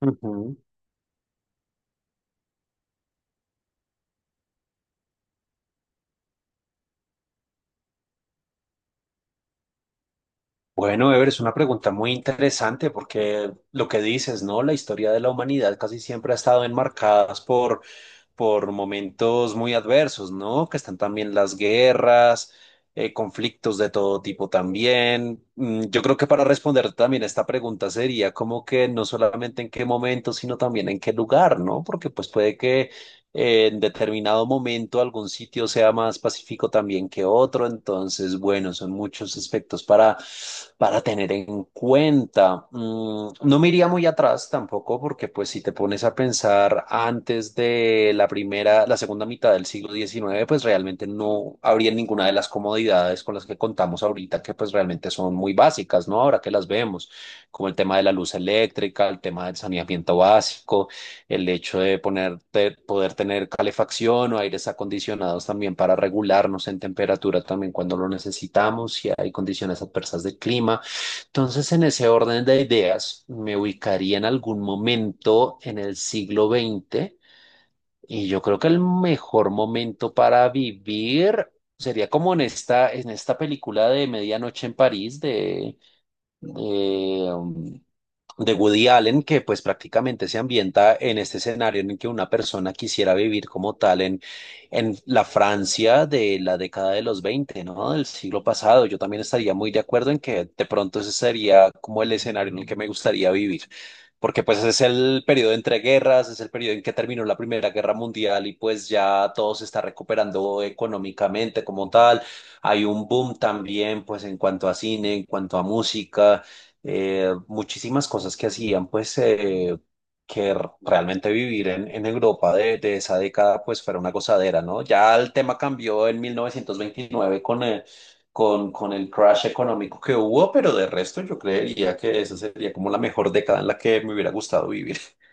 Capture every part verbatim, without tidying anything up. Ujú. Bueno, Ever, es una pregunta muy interesante porque lo que dices, ¿no? La historia de la humanidad casi siempre ha estado enmarcadas por, por momentos muy adversos, ¿no? Que están también las guerras, eh, conflictos de todo tipo también. Mm, Yo creo que para responder también esta pregunta sería como que no solamente en qué momento, sino también en qué lugar, ¿no? Porque pues puede que eh, en determinado momento algún sitio sea más pacífico también que otro. Entonces, bueno, son muchos aspectos para, para tener en cuenta. Mm, no me iría muy atrás tampoco, porque pues si te pones a pensar antes de la primera, la segunda mitad del siglo diecinueve, pues realmente no habría ninguna de las comodidades con las que contamos ahorita, que pues realmente son muy básicas, ¿no? Ahora que las vemos, como el tema de la luz eléctrica, el tema del saneamiento básico, el hecho de ponerte, poder tener calefacción o aires acondicionados también para regularnos en temperatura también cuando lo necesitamos, si hay condiciones adversas de clima. Entonces, en ese orden de ideas, me ubicaría en algún momento en el siglo veinte y yo creo que el mejor momento para vivir sería como en esta, en esta película de Medianoche en París de, de, um, de Woody Allen, que pues prácticamente se ambienta en este escenario en el que una persona quisiera vivir como tal en, en la Francia de la década de los veinte, ¿no? Del siglo pasado. Yo también estaría muy de acuerdo en que de pronto ese sería como el escenario en el que me gustaría vivir. Porque pues es el periodo entre guerras, es el periodo en que terminó la Primera Guerra Mundial y pues ya todo se está recuperando económicamente como tal. Hay un boom también pues en cuanto a cine, en cuanto a música, eh, muchísimas cosas que hacían, pues, eh, que r- realmente vivir en, en Europa de, de esa década, pues, fuera una gozadera, ¿no? Ya el tema cambió en mil novecientos veintinueve con, eh, con, con el crash económico que hubo, pero de resto yo creería que esa sería como la mejor década en la que me hubiera gustado vivir.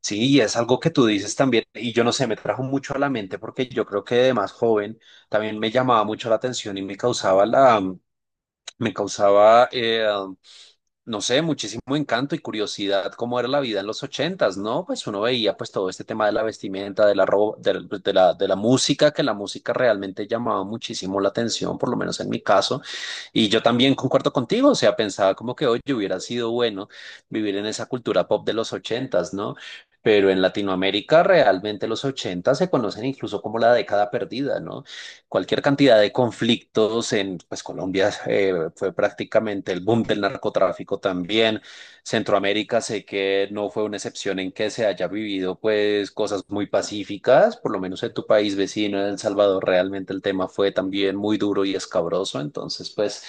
Sí, y es algo que tú dices también, y yo no sé, me trajo mucho a la mente porque yo creo que de más joven también me llamaba mucho la atención y me causaba la, me causaba, eh, no sé, muchísimo encanto y curiosidad cómo era la vida en los ochentas, ¿no? Pues uno veía pues todo este tema de la vestimenta, de la, ro- de, de la, de la música, que la música realmente llamaba muchísimo la atención, por lo menos en mi caso. Y yo también concuerdo contigo, o sea, pensaba como que, oye, hubiera sido bueno vivir en esa cultura pop de los ochentas, ¿no? Pero en Latinoamérica realmente los ochentas se conocen incluso como la década perdida, ¿no? Cualquier cantidad de conflictos en pues, Colombia, eh, fue prácticamente el boom del narcotráfico también. Centroamérica sé que no fue una excepción en que se haya vivido pues cosas muy pacíficas, por lo menos en tu país vecino, en El Salvador, realmente el tema fue también muy duro y escabroso, entonces pues,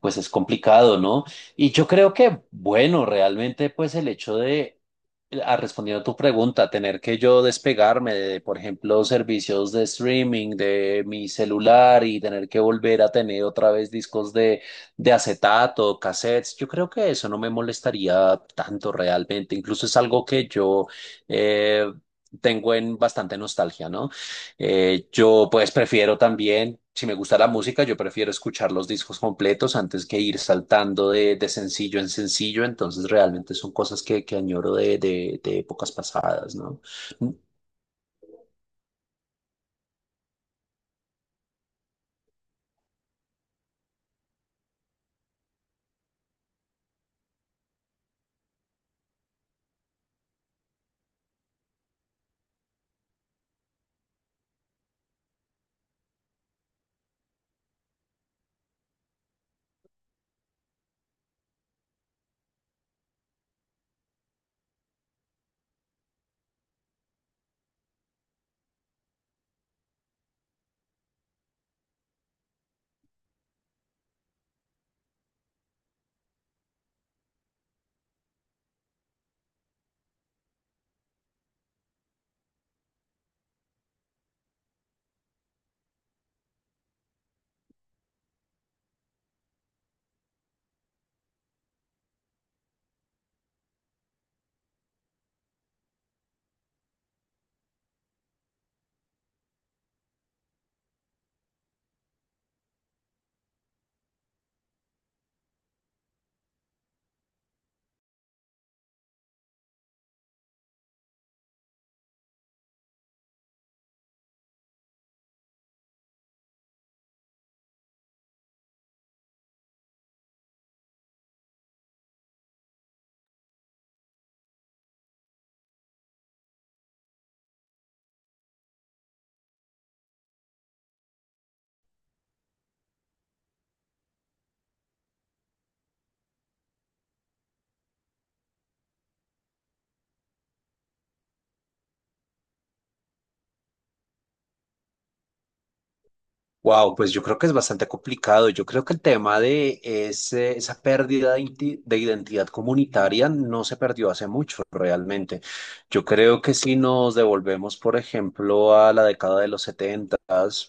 pues es complicado, ¿no? Y yo creo que, bueno, realmente pues el hecho de, ah, respondiendo a tu pregunta, tener que yo despegarme de, por ejemplo, servicios de streaming de mi celular y tener que volver a tener otra vez discos de, de acetato, cassettes, yo creo que eso no me molestaría tanto realmente. Incluso es algo que yo, eh, tengo en bastante nostalgia, ¿no? Eh, yo pues prefiero también, si me gusta la música, yo prefiero escuchar los discos completos antes que ir saltando de, de sencillo en sencillo, entonces realmente son cosas que, que añoro de, de, de épocas pasadas, ¿no? Mm. Wow, pues yo creo que es bastante complicado. Yo creo que el tema de ese- esa pérdida de, inti- de identidad comunitaria no se perdió hace mucho realmente. Yo creo que si nos devolvemos, por ejemplo, a la década de los setenta,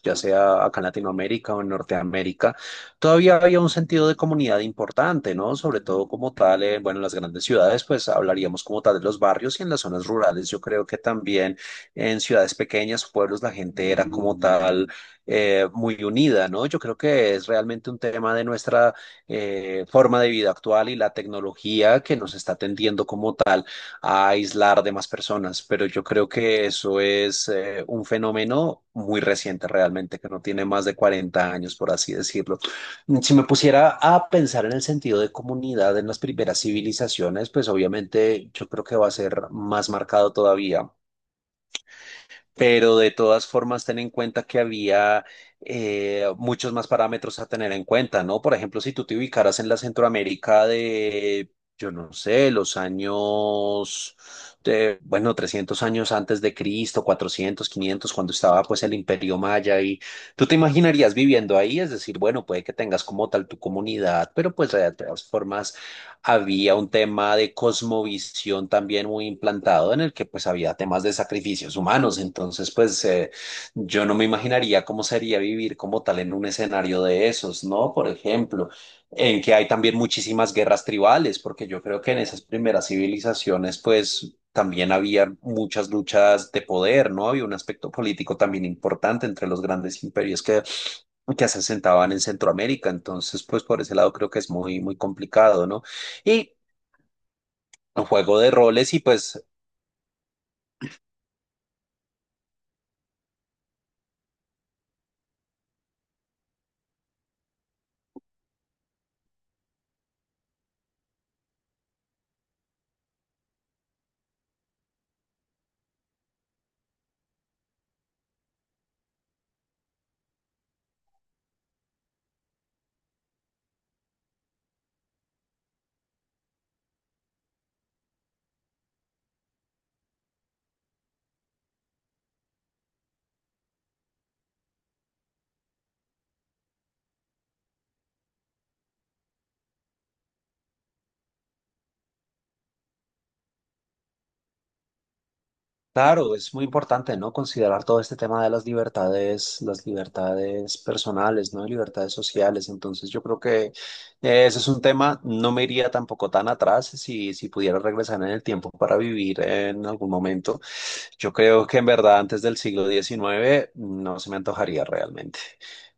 ya sea acá en Latinoamérica o en Norteamérica, todavía había un sentido de comunidad importante, ¿no? Sobre todo como tal, eh, bueno, en las grandes ciudades, pues hablaríamos como tal de los barrios y en las zonas rurales. Yo creo que también en ciudades pequeñas, pueblos, la gente era como tal, eh, muy unida, ¿no? Yo creo que es realmente un tema de nuestra, eh, forma de vida actual y la tecnología que nos está tendiendo como tal a aislar de más personas, pero yo creo que eso es, eh, un fenómeno muy reciente realmente, que no tiene más de cuarenta años, por así decirlo. Si me pusiera a pensar en el sentido de comunidad en las primeras civilizaciones, pues obviamente yo creo que va a ser más marcado todavía, pero de todas formas ten en cuenta que había, eh, muchos más parámetros a tener en cuenta, ¿no? Por ejemplo, si tú te ubicaras en la Centroamérica de, yo no sé, los años, de, bueno, trescientos años antes de Cristo, cuatrocientos, quinientos, cuando estaba pues el Imperio Maya y tú te imaginarías viviendo ahí, es decir, bueno, puede que tengas como tal tu comunidad, pero pues de todas formas había un tema de cosmovisión también muy implantado en el que pues había temas de sacrificios humanos. Entonces pues, eh, yo no me imaginaría cómo sería vivir como tal en un escenario de esos, ¿no? Por ejemplo, en que hay también muchísimas guerras tribales, porque yo creo que en esas primeras civilizaciones pues también había muchas luchas de poder, ¿no? Había un aspecto político también importante entre los grandes imperios que que se asentaban en Centroamérica. Entonces, pues por ese lado creo que es muy, muy complicado, ¿no? Y un juego de roles y pues... Claro, es muy importante, ¿no? Considerar todo este tema de las libertades, las libertades personales, ¿no? Libertades sociales. Entonces, yo creo que, eh, ese es un tema, no me iría tampoco tan atrás si, si pudiera regresar en el tiempo para vivir en algún momento. Yo creo que en verdad antes del siglo diecinueve no se me antojaría realmente.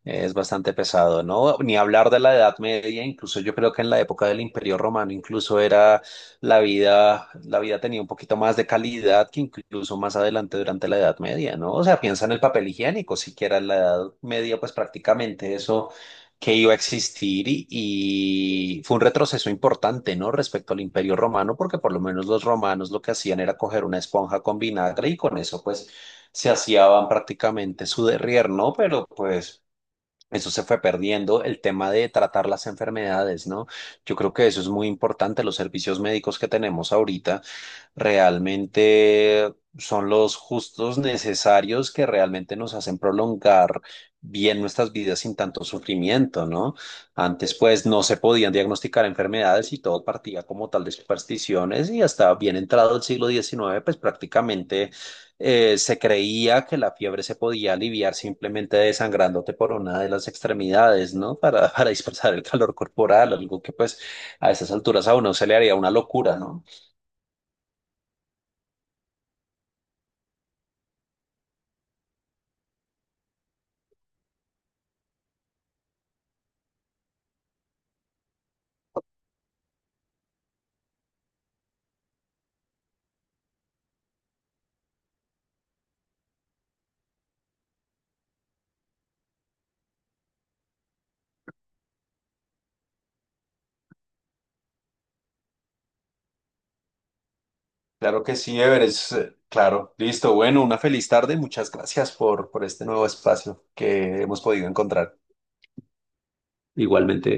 Es bastante pesado, ¿no? Ni hablar de la Edad Media, incluso yo creo que en la época del Imperio Romano, incluso era la vida, la vida tenía un poquito más de calidad que incluso más adelante durante la Edad Media, ¿no? O sea, piensa en el papel higiénico, siquiera en la Edad Media, pues prácticamente eso que iba a existir y, y fue un retroceso importante, ¿no? Respecto al Imperio Romano, porque por lo menos los romanos lo que hacían era coger una esponja con vinagre y con eso, pues se hacían prácticamente su derrier, ¿no? Pero pues eso se fue perdiendo, el tema de tratar las enfermedades, ¿no? Yo creo que eso es muy importante, los servicios médicos que tenemos ahorita realmente son los justos necesarios que realmente nos hacen prolongar bien nuestras vidas sin tanto sufrimiento, ¿no? Antes pues no se podían diagnosticar enfermedades y todo partía como tal de supersticiones y hasta bien entrado el siglo diecinueve pues prácticamente, eh, se creía que la fiebre se podía aliviar simplemente desangrándote por una de las extremidades, ¿no? Para, para dispersar el calor corporal, algo que pues a esas alturas a uno se le haría una locura, ¿no? Claro que sí, Ever, es eh, claro. Listo, bueno, una feliz tarde. Muchas gracias por, por este nuevo espacio que hemos podido encontrar. Igualmente.